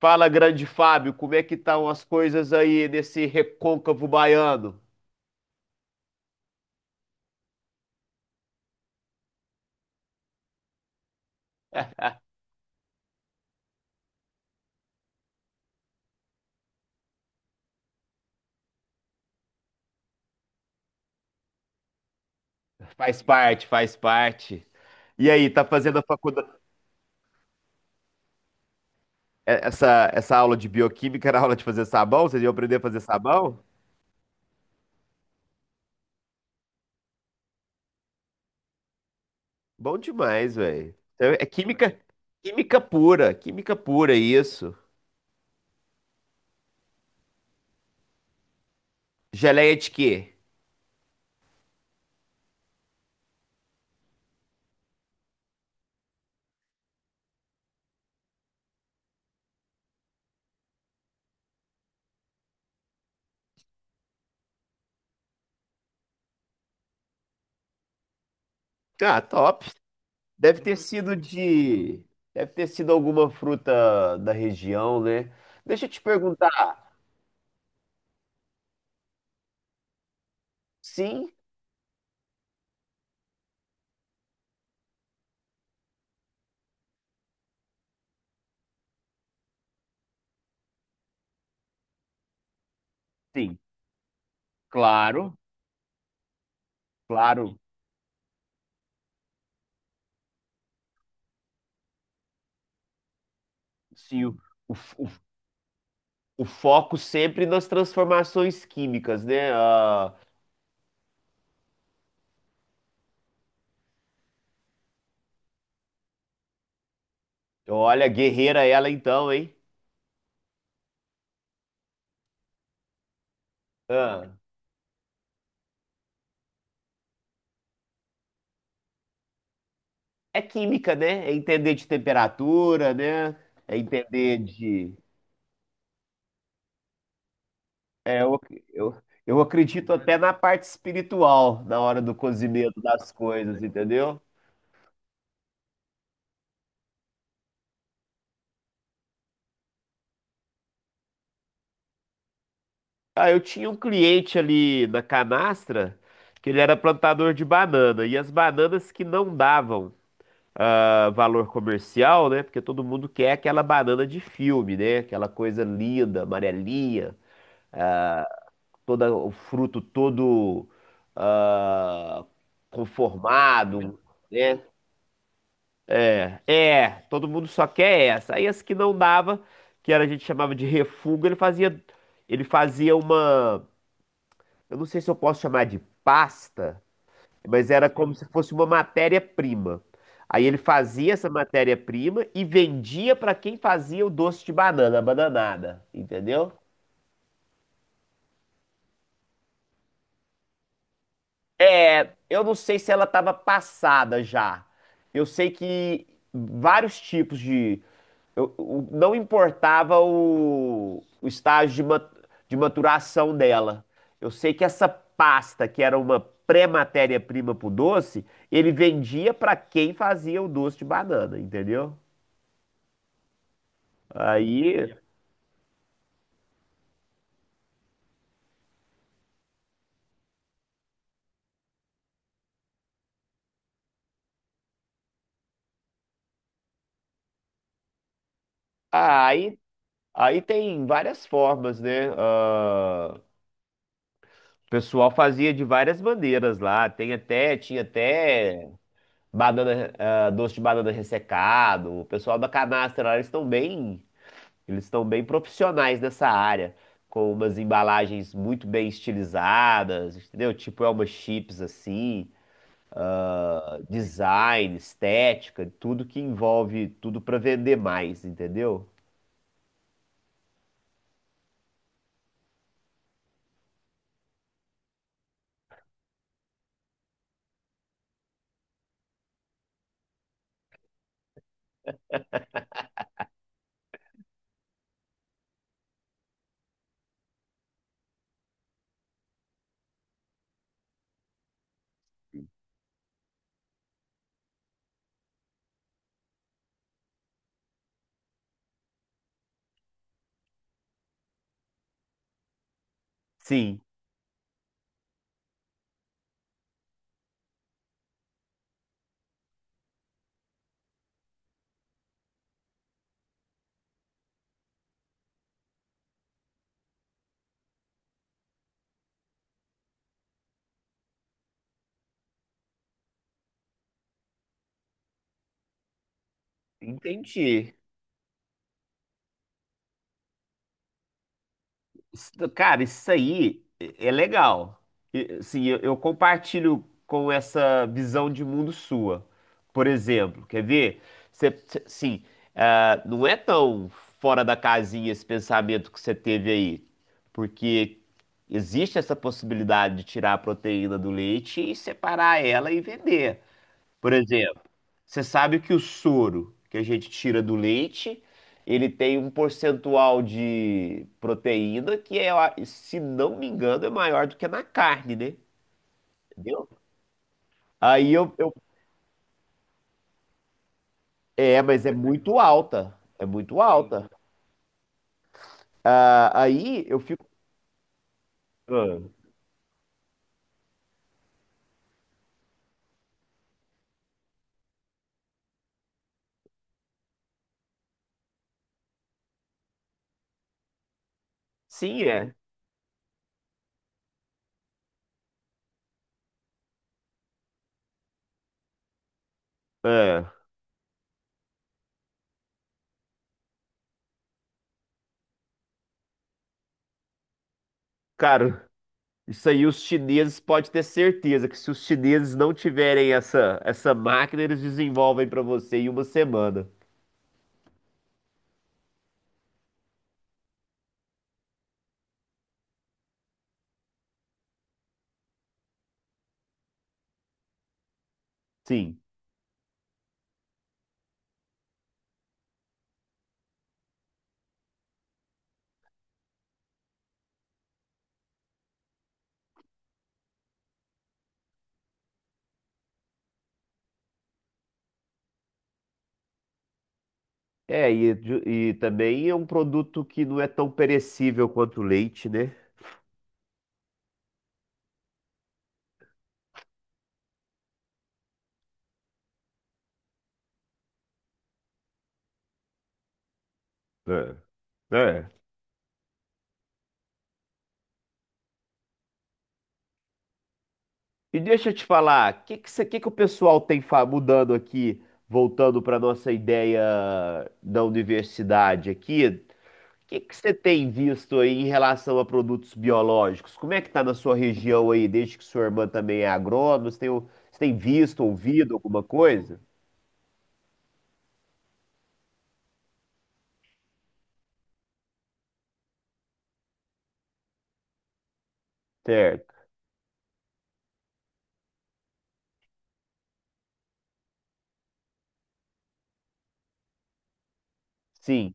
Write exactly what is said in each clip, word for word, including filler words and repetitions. Fala, grande Fábio, como é que estão as coisas aí nesse recôncavo baiano? Faz parte, faz parte. E aí, tá fazendo a faculdade? é, Essa, essa aula de bioquímica era aula de fazer sabão? Vocês iam aprender a fazer sabão? Bom demais, velho. Então, É química, química pura, química pura, isso. Geleia de quê? Ah, top. Deve ter sido de. Deve ter sido alguma fruta da região, né? Deixa eu te perguntar. Sim, sim, claro, claro. Sim, o, o, o- o foco sempre nas transformações químicas, né? Ah, olha, guerreira ela então, hein? Ah, é química, né? É entender de temperatura, né? É entender de. É, eu, eu, eu acredito até na parte espiritual, na hora do cozimento das coisas, entendeu? Ah, eu tinha um cliente ali na canastra que ele era plantador de banana, e as bananas que não davam. ah, valor comercial, né? Porque todo mundo quer aquela banana de filme, né? Aquela coisa linda, amarelinha, toda, o fruto todo ah, conformado, né? É, todo mundo só quer essa. Aí as que não dava, que era, a gente chamava de refugo, ele fazia, ele fazia uma, eu não sei se eu posso chamar de pasta, Mas era como se fosse uma matéria-prima. Aí ele fazia essa matéria-prima e vendia para quem fazia o doce de banana, a bananada, entendeu? É, eu não sei se ela estava passada já. Eu sei que vários tipos de. Eu- o- não importava o, o estágio de, ma- de maturação dela. Eu sei que essa pasta, que era uma pré-matéria-prima para o doce, ele vendia para quem fazia o doce de banana, entendeu? Aí, ah, aí, aí tem várias formas, né? Ah, o pessoal fazia de várias maneiras lá. Tem até, tinha até banana, ah, doce de banana ressecado. O pessoal da canastra lá, eles estão bem, eles estão bem profissionais nessa área, com umas embalagens muito bem estilizadas, entendeu? Tipo Elma Chips assim, ah, design, estética, tudo que envolve tudo para vender mais, entendeu? Sim. Entendi. Isso- Cara, isso aí é é legal. E, assim, eu, eu compartilho com essa visão de mundo sua. Por exemplo, quer ver? Você, você- assim, ah, não é tão fora da casinha esse pensamento que você teve aí. Porque existe essa possibilidade de tirar a proteína do leite e separar ela e vender. Por exemplo, você sabe que o soro que a gente tira do leite, ele tem um percentual de proteína que é, se não me engano, é maior do que na carne, né? Entendeu? Aí eu, eu- é, Mas é muito alta, é muito alta. Ah, aí eu fico, ah, sim, é. Ah, cara, isso aí os chineses pode ter certeza que se os chineses não tiverem essa essa máquina, eles desenvolvem para você em uma semana. Sim. É, e, ju- e também é um produto que não é tão perecível quanto o leite, né? É. É. E deixa eu te falar, o que, que, cê- que que o pessoal tem fa- mudando aqui, voltando para nossa ideia da universidade aqui? O que que você tem visto aí em relação a produtos biológicos? Como é que tá na sua região aí, desde que sua irmã também é agrônoma? Você tem, o- você tem visto, ouvido alguma coisa? Certo. Sim,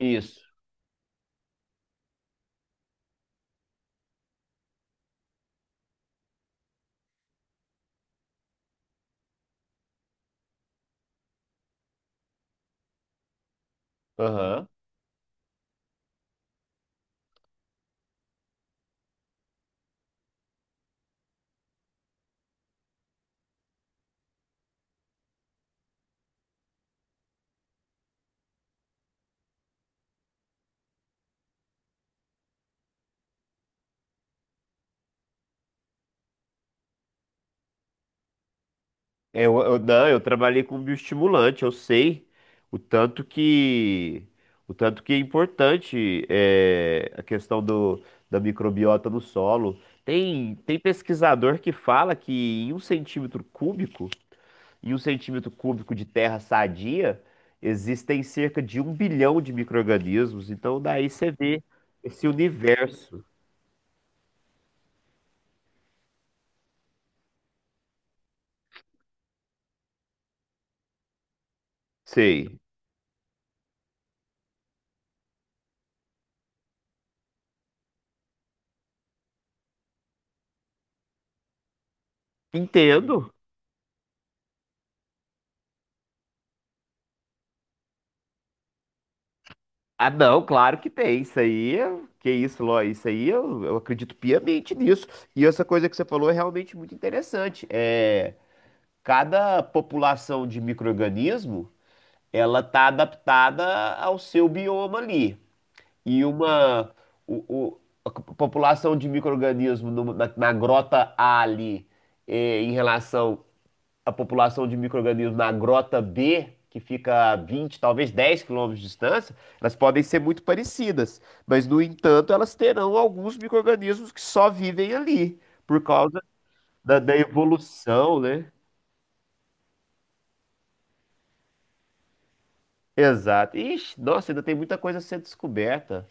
isso. Aham. Eu, eu- não, eu trabalhei com bioestimulante, eu sei o tanto que o tanto que é importante é, a questão do, da microbiota no solo. Tem, tem pesquisador que fala que em um centímetro cúbico, em um centímetro cúbico, de terra sadia, existem cerca de um bilhão de micro-organismos. Então daí você vê esse universo. Sei. Entendo. Ah, não, claro que tem. Isso aí, é- que isso, Ló, isso aí eu, eu acredito piamente nisso. E essa coisa que você falou é realmente muito interessante. É, cada população de micro-organismo, ela tá adaptada ao seu bioma ali. E uma o, o- a c- População de micro-organismo no- na, na grota A ali, é, em relação a população de micro-organismos na grota B, que fica a vinte talvez dez quilômetros de distância, elas podem ser muito parecidas, mas, no entanto, elas terão alguns micro-organismos que só vivem ali, por causa da, da evolução, né? Exato. Ixi, nossa, ainda tem muita coisa a ser descoberta.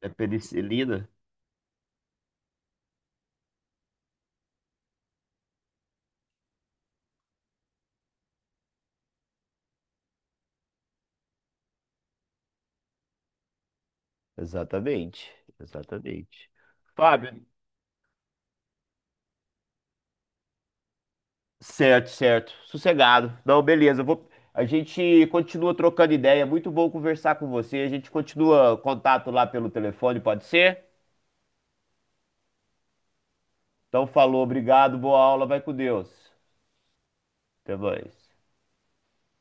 é penicilina. Exatamente, exatamente. Fábio, Certo, certo. Sossegado. Não, beleza. eu Vou... A gente continua trocando ideia. É muito bom conversar com você. A gente continua contato lá pelo telefone, pode ser? Então, falou, obrigado, boa aula, vai com Deus. Até mais.